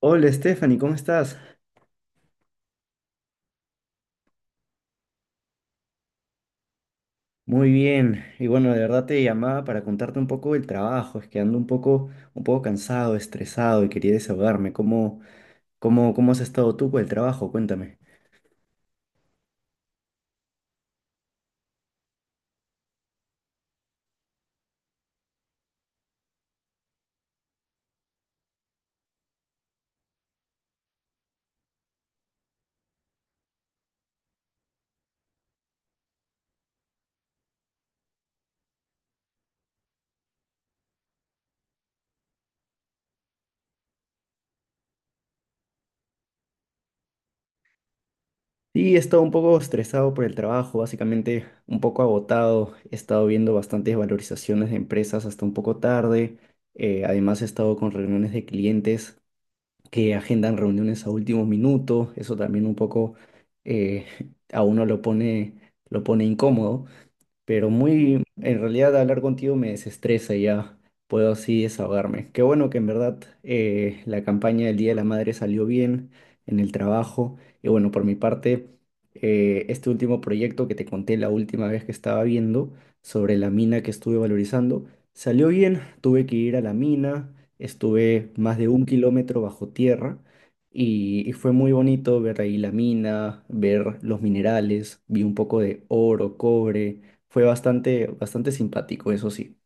Hola Stephanie, ¿cómo estás? Muy bien. Y bueno, de verdad te llamaba para contarte un poco del trabajo. Es que ando un poco cansado, estresado y quería desahogarme. ¿Cómo has estado tú por el trabajo? Cuéntame. Sí, he estado un poco estresado por el trabajo, básicamente un poco agotado. He estado viendo bastantes valorizaciones de empresas hasta un poco tarde. Además he estado con reuniones de clientes que agendan reuniones a último minuto. Eso también un poco eh, a uno lo lo pone incómodo. Pero muy, en realidad hablar contigo me desestresa y ya puedo así desahogarme. Qué bueno que en verdad la campaña del Día de la Madre salió bien en el trabajo. Y bueno, por mi parte, este último proyecto que te conté la última vez que estaba viendo sobre la mina que estuve valorizando, salió bien. Tuve que ir a la mina, estuve más de un kilómetro bajo tierra. Y fue muy bonito ver ahí la mina, ver los minerales, vi un poco de oro, cobre, fue bastante simpático, eso sí.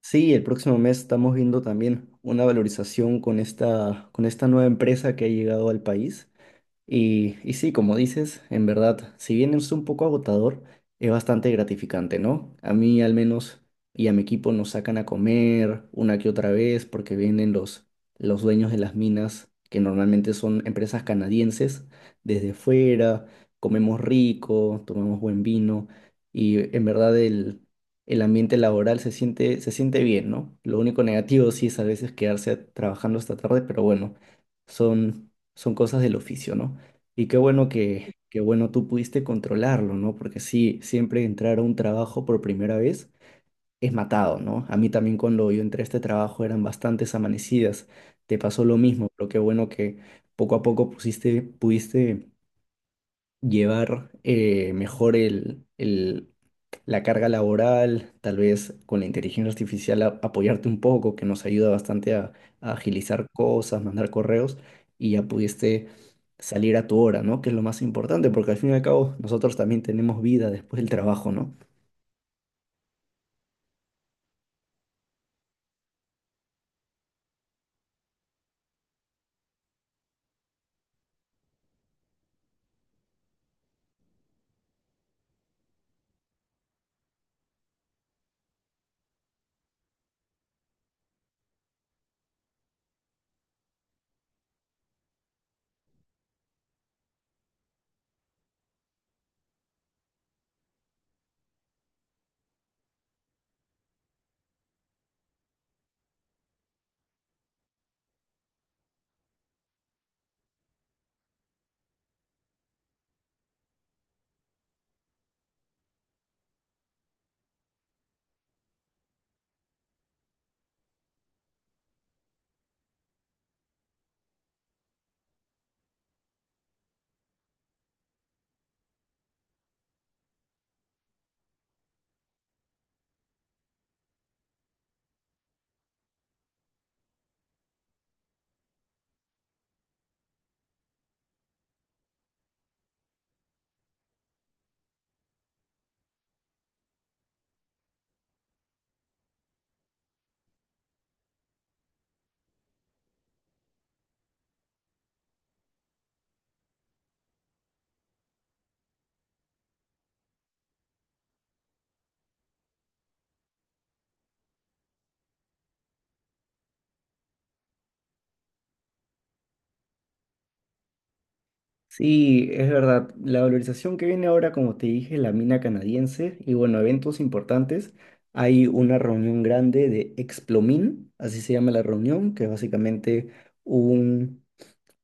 Sí, el próximo mes estamos viendo también una valorización con esta nueva empresa que ha llegado al país. Y sí, como dices, en verdad, si bien es un poco agotador, es bastante gratificante, ¿no? A mí al menos y a mi equipo nos sacan a comer una que otra vez porque vienen los dueños de las minas, que normalmente son empresas canadienses, desde fuera, comemos rico, tomamos buen vino y en verdad el ambiente laboral se se siente bien, ¿no? Lo único negativo sí es a veces quedarse trabajando hasta tarde, pero bueno, son cosas del oficio, ¿no? Y qué bueno tú pudiste controlarlo, ¿no? Porque sí, siempre entrar a un trabajo por primera vez es matado, ¿no? A mí también cuando yo entré a este trabajo eran bastantes amanecidas. Te pasó lo mismo, pero qué bueno que poco a poco pudiste llevar mejor la carga laboral, tal vez con la inteligencia artificial apoyarte un poco, que nos ayuda bastante a agilizar cosas, mandar correos y ya pudiste salir a tu hora, ¿no? Que es lo más importante, porque al fin y al cabo nosotros también tenemos vida después del trabajo, ¿no? Sí, es verdad. La valorización que viene ahora, como te dije, la mina canadiense y bueno, eventos importantes. Hay una reunión grande de Explomin, así se llama la reunión, que es básicamente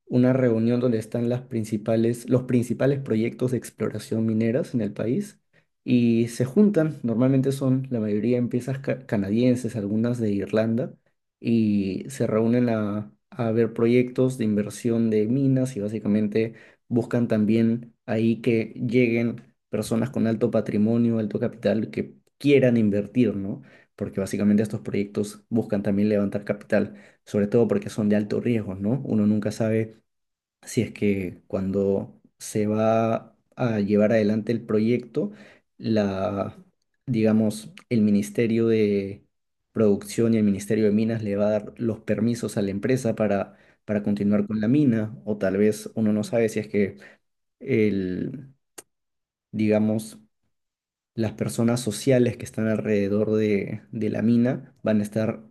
una reunión donde están los principales proyectos de exploración mineras en el país y se juntan, normalmente son la mayoría empresas canadienses, algunas de Irlanda, y se reúnen a ver proyectos de inversión de minas y básicamente buscan también ahí que lleguen personas con alto patrimonio, alto capital que quieran invertir, ¿no? Porque básicamente estos proyectos buscan también levantar capital, sobre todo porque son de alto riesgo, ¿no? Uno nunca sabe si es que cuando se va a llevar adelante el proyecto, la, digamos, el Ministerio de Producción y el Ministerio de Minas le va a dar los permisos a la empresa para continuar con la mina, o tal vez uno no sabe si es que el, digamos, las personas sociales que están alrededor de la mina van a estar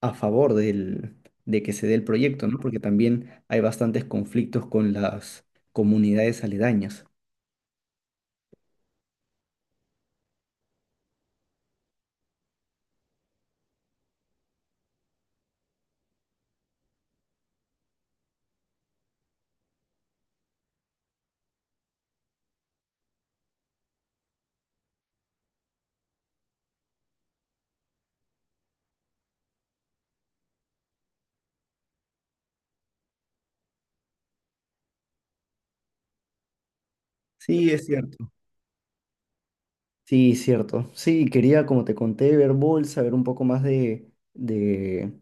a favor de que se dé el proyecto, ¿no? Porque también hay bastantes conflictos con las comunidades aledañas. Sí, es cierto. Sí, cierto. Sí, quería, como te conté, ver bolsa, ver un poco más de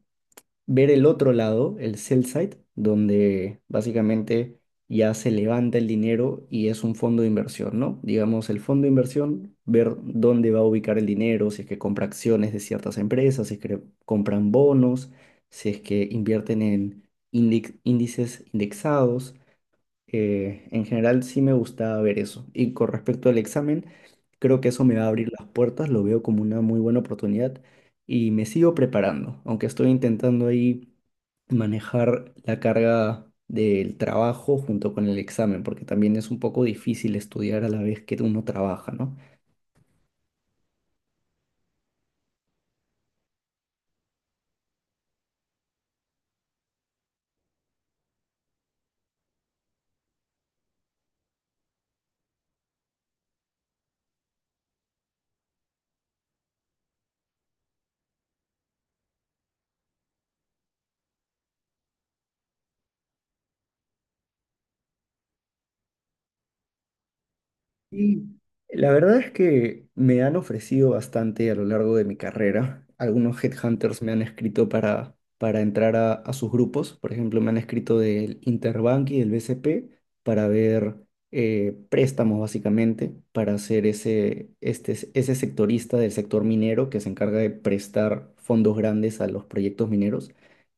ver el otro lado, el sell side, donde básicamente ya se levanta el dinero y es un fondo de inversión, ¿no? Digamos, el fondo de inversión, ver dónde va a ubicar el dinero, si es que compra acciones de ciertas empresas, si es que compran bonos, si es que invierten en índices indexados. En general sí me gustaba ver eso. Y con respecto al examen, creo que eso me va a abrir las puertas, lo veo como una muy buena oportunidad y me sigo preparando, aunque estoy intentando ahí manejar la carga del trabajo junto con el examen, porque también es un poco difícil estudiar a la vez que uno trabaja, ¿no? Y la verdad es que me han ofrecido bastante a lo largo de mi carrera. Algunos headhunters me han escrito para entrar a sus grupos. Por ejemplo, me han escrito del Interbank y del BCP para ver préstamos, básicamente, para ser ese sectorista del sector minero que se encarga de prestar fondos grandes a los proyectos mineros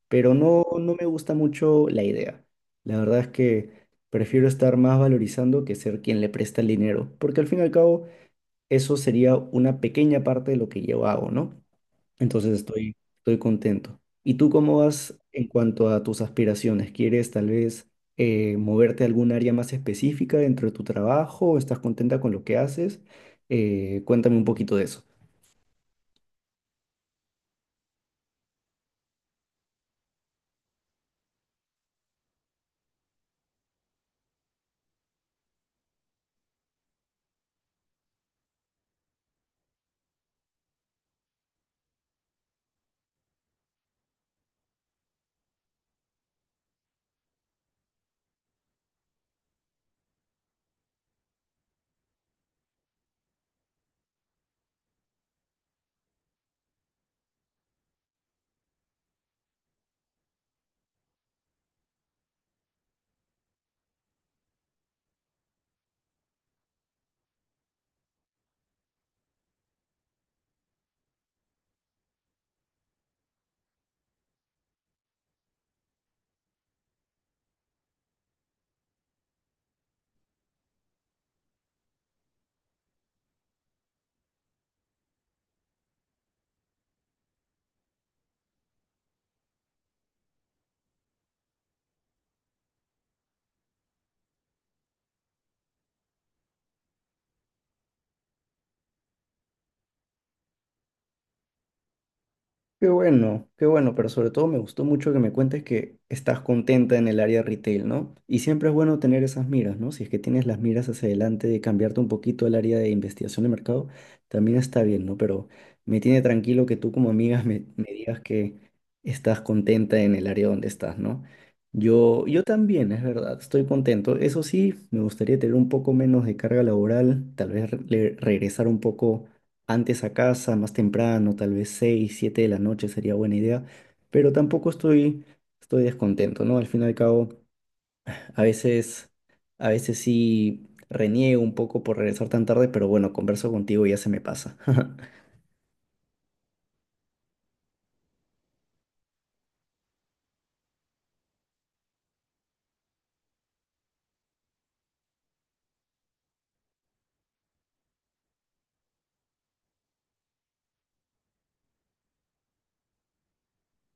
pero no, no me gusta mucho la idea. La verdad es que prefiero estar más valorizando que ser quien le presta el dinero, porque al fin y al cabo eso sería una pequeña parte de lo que yo hago, ¿no? Entonces estoy contento. ¿Y tú cómo vas en cuanto a tus aspiraciones? ¿Quieres tal vez moverte a algún área más específica dentro de tu trabajo? ¿Estás contenta con lo que haces? Cuéntame un poquito de eso. Qué bueno, pero sobre todo me gustó mucho que me cuentes que estás contenta en el área retail, ¿no? Y siempre es bueno tener esas miras, ¿no? Si es que tienes las miras hacia adelante de cambiarte un poquito al área de investigación de mercado, también está bien, ¿no? Pero me tiene tranquilo que tú como amiga me digas que estás contenta en el área donde estás, ¿no? Yo también, es verdad, estoy contento. Eso sí, me gustaría tener un poco menos de carga laboral, tal vez regresar un poco antes a casa, más temprano, tal vez 6, 7 de la noche sería buena idea, pero tampoco estoy descontento, ¿no? Al fin y al cabo, a veces, a veces sí reniego un poco por regresar tan tarde, pero bueno, converso contigo y ya se me pasa.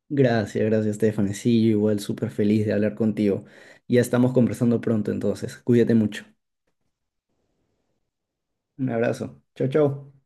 Gracias, gracias, Stephanie. Sí, yo igual súper feliz de hablar contigo. Ya estamos conversando pronto, entonces, cuídate mucho. Un abrazo. Chao, chao.